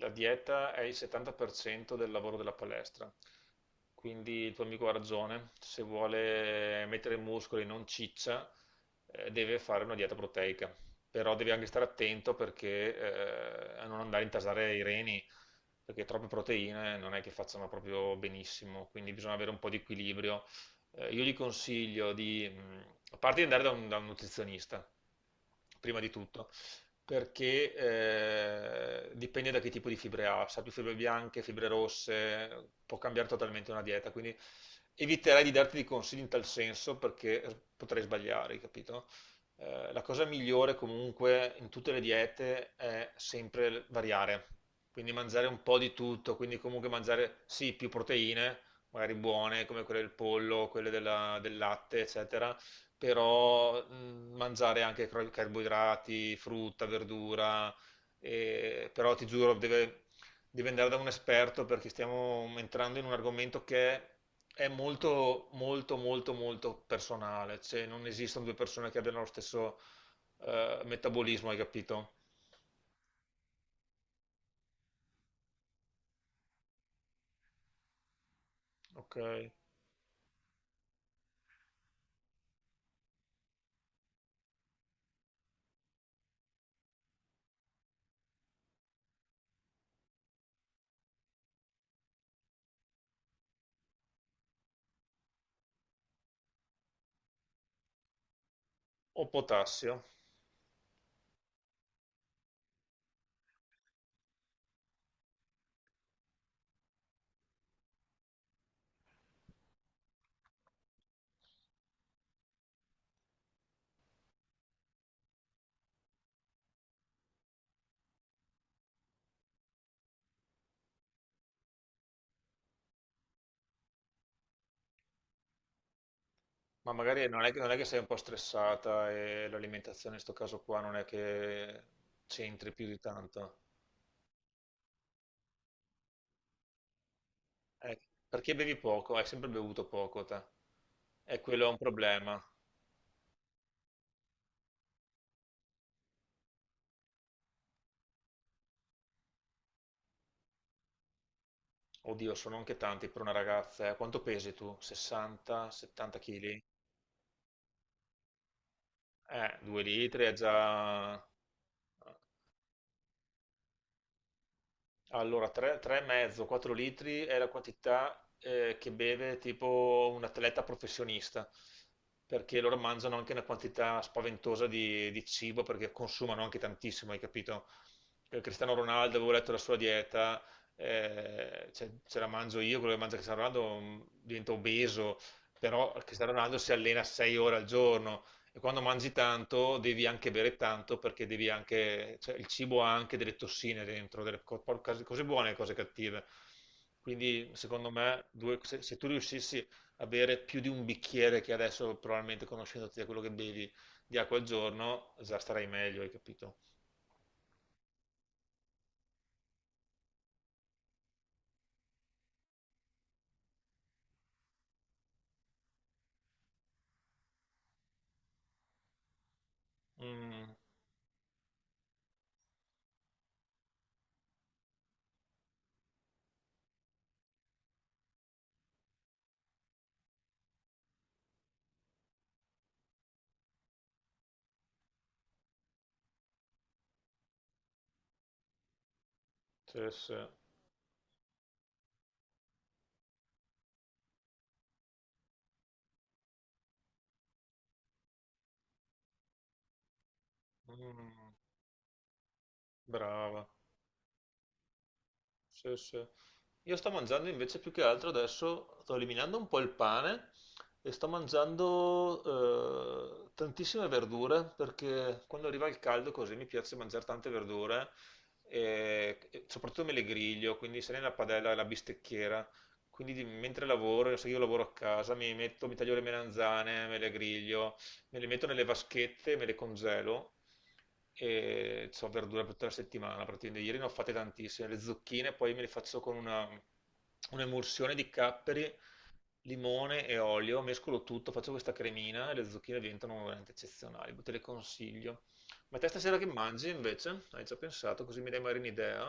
La dieta è il 70% del lavoro della palestra, quindi il tuo amico ha ragione, se vuole mettere muscoli e non ciccia, deve fare una dieta proteica, però deve anche stare attento perché, a non andare a intasare i reni, perché troppe proteine non è che facciano proprio benissimo, quindi bisogna avere un po' di equilibrio. Io gli consiglio di, a parte di andare da un nutrizionista, prima di tutto perché dipende da che tipo di fibre ha, se ha più fibre bianche, fibre rosse, può cambiare totalmente una dieta, quindi eviterei di darti dei consigli in tal senso perché potrei sbagliare, capito? La cosa migliore comunque in tutte le diete è sempre variare, quindi mangiare un po' di tutto, quindi comunque mangiare sì più proteine, magari buone come quelle del pollo, del latte, eccetera. Però mangiare anche carboidrati, frutta, verdura, però ti giuro, deve andare da un esperto perché stiamo entrando in un argomento che è molto, molto, molto, molto personale, cioè non esistono due persone che abbiano lo stesso metabolismo, hai capito? Ok. O potassio. Ma magari non è che, non è che sei un po' stressata e l'alimentazione in questo caso qua non è che c'entri più di tanto. Eh, Perché bevi poco? Hai sempre bevuto poco te. E quello è un problema. Oddio, sono anche tanti per una ragazza. Quanto pesi tu? 60, 70 kg? 2 litri è già... Allora, 3,5, 4 litri è la quantità che beve tipo un atleta professionista, perché loro mangiano anche una quantità spaventosa di cibo, perché consumano anche tantissimo, hai capito? Cristiano Ronaldo, avevo letto la sua dieta, cioè, ce la mangio io, quello che mangia Cristiano Ronaldo diventa obeso, però Cristiano Ronaldo si allena 6 ore al giorno. E quando mangi tanto devi anche bere tanto perché devi anche, cioè, il cibo ha anche delle tossine dentro, delle cose buone e cose cattive. Quindi secondo me se tu riuscissi a bere più di un bicchiere che adesso probabilmente conoscendoti da quello che bevi di acqua al giorno, già starai meglio, hai capito? Mm, sì, sì. Mm, brava. Sì, sì. Io sto mangiando invece più che altro adesso, sto eliminando un po' il pane e sto mangiando tantissime verdure perché quando arriva il caldo così mi piace mangiare tante verdure e soprattutto me le griglio, quindi se ne la padella e la bistecchiera. Mentre lavoro, se io lavoro a casa, mi metto, mi taglio le melanzane, me le griglio, me le metto nelle vaschette, me le congelo e ho verdura per tutta la settimana. Praticamente ieri ne ho fatte tantissime. Le zucchine poi me le faccio con un'emulsione di capperi, limone e olio, mescolo tutto, faccio questa cremina e le zucchine diventano veramente eccezionali. Te le consiglio. Ma te stasera che mangi invece? Hai già pensato? Così mi dai magari un'idea?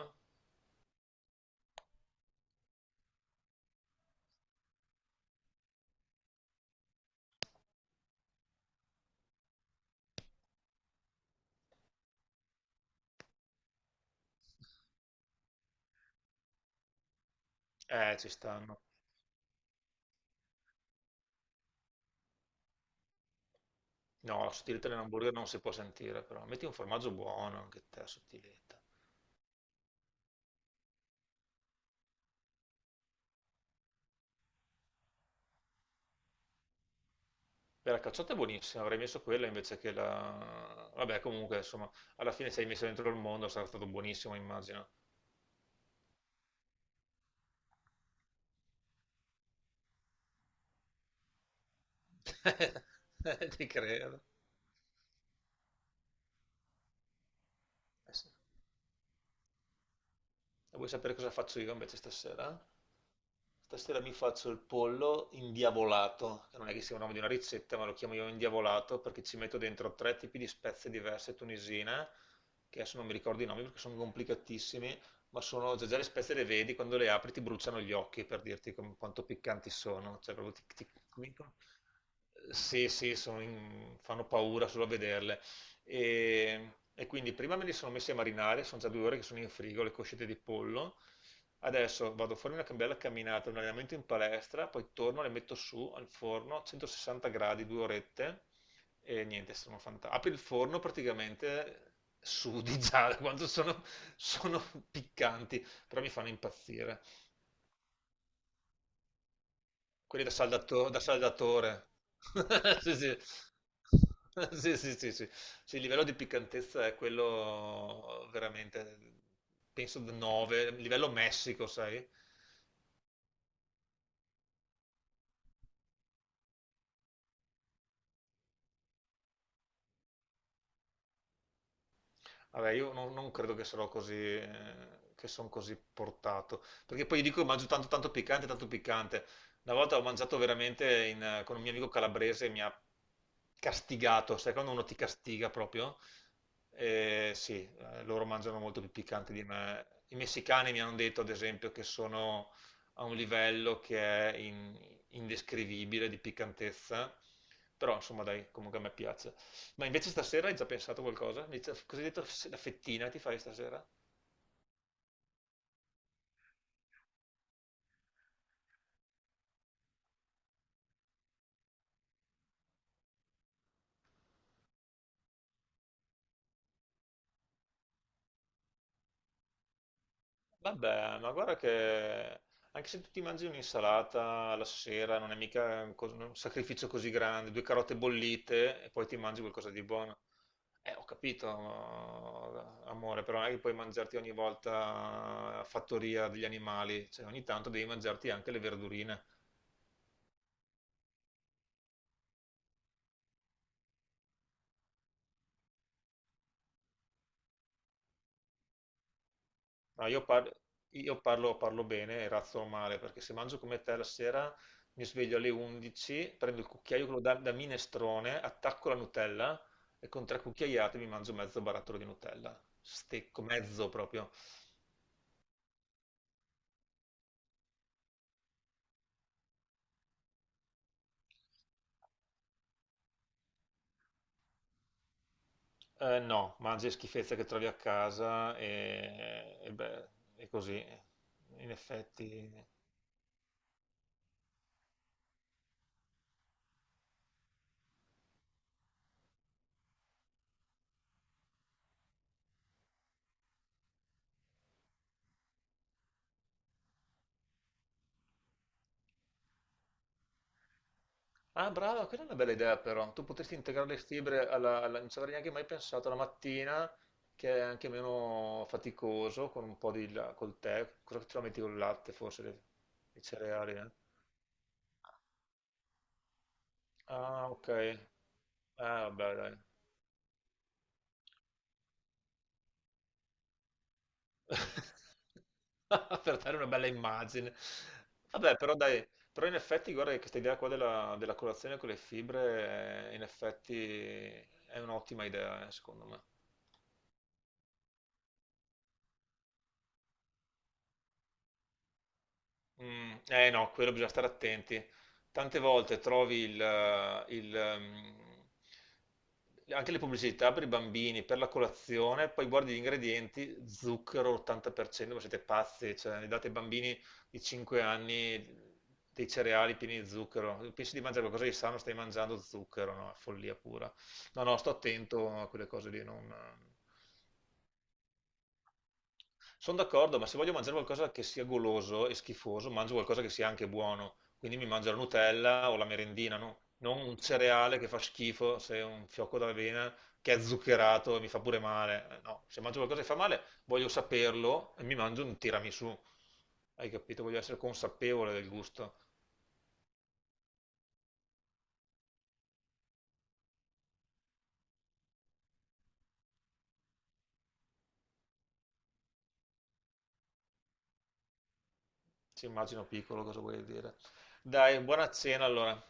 Ci stanno. No, la sottiletta nell'hamburger non si può sentire, però metti un formaggio buono anche te, sottiletta. Beh, la cacciata è buonissima, avrei messo quella invece che la... Vabbè, comunque, insomma, alla fine sei messo dentro il mondo, sarà stato buonissimo, immagino. Ti credo. Eh sì. E vuoi sapere cosa faccio io invece stasera? Stasera mi faccio il pollo indiavolato, che non è che sia un nome di una ricetta, ma lo chiamo io indiavolato perché ci metto dentro tre tipi di spezie diverse tunisine, che adesso non mi ricordo i nomi perché sono complicatissimi, ma sono già le spezie le vedi, quando le apri ti bruciano gli occhi per dirti quanto piccanti sono, cioè proprio ti- Sì, sì, sono fanno paura solo a vederle. E quindi prima me li sono messi a marinare, sono già 2 ore che sono in frigo, le coscette di pollo. Adesso vado a farmi una bella camminata, un allenamento in palestra, poi torno, le metto su al forno a 160 gradi, 2 orette e niente, sono fantastico. Apri il forno praticamente sudi già da quanto sono, sono piccanti, però mi fanno impazzire. Quelli da saldatore. Sì, sì. Sì, sì, sì, sì. Sì, il livello di piccantezza è quello veramente, penso 9, livello Messico, sai? Vabbè, io non, non credo che sarò così, che sono così portato, perché poi io dico mangio tanto, tanto piccante, tanto piccante. Una volta ho mangiato veramente con un mio amico calabrese, e mi ha castigato, sai quando uno ti castiga proprio? Sì, loro mangiano molto più piccante di me. I messicani mi hanno detto, ad esempio, che sono a un livello che è indescrivibile di piccantezza, però insomma dai, comunque a me piace. Ma invece stasera hai già pensato a qualcosa? Cosa hai detto? La fettina ti fai stasera? Vabbè, ma guarda che anche se tu ti mangi un'insalata la sera non è mica un sacrificio così grande, due carote bollite e poi ti mangi qualcosa di buono. Ho capito, ma- amore, però non è che puoi mangiarti ogni volta la fattoria degli animali, cioè ogni tanto devi mangiarti anche le verdurine. No, io parlo bene e razzo male, perché se mangio come te la sera mi sveglio alle 11, prendo il cucchiaio quello da minestrone, attacco la Nutella e con 3 cucchiaiate mi mangio mezzo barattolo di Nutella. Stecco, mezzo proprio. No, mangi schifezze che trovi a casa e beh, è così. In effetti. Ah, brava, quella è una bella idea però. Tu potresti integrare le fibre non ci avrei neanche mai pensato alla mattina, che è anche meno faticoso, con un po' col tè. Cosa ce la metti col latte, forse, i cereali, eh? Ah, ok. Ah, vabbè, dai. Per dare una bella immagine. Vabbè, però dai, però in effetti guarda che questa idea qua della colazione con le fibre, in effetti è un'ottima idea, secondo me. Mm, no, quello bisogna stare attenti. Tante volte trovi anche le pubblicità per i bambini, per la colazione, poi guardi gli ingredienti, zucchero 80%, ma siete pazzi, cioè gli date ai bambini di 5 anni dei cereali pieni di zucchero. Pensi di mangiare qualcosa di sano, stai mangiando zucchero, no? Follia pura. No, no, sto attento a quelle cose lì, non... Sono d'accordo, ma se voglio mangiare qualcosa che sia goloso e schifoso, mangio qualcosa che sia anche buono. Quindi mi mangio la Nutella o la merendina, no? Non un cereale che fa schifo, se è un fiocco d'avena che è zuccherato e mi fa pure male. No, se mangio qualcosa che fa male, voglio saperlo e mi mangio un tiramisù. Hai capito? Voglio essere consapevole del gusto. Ci immagino piccolo cosa vuoi dire. Dai, buona cena allora.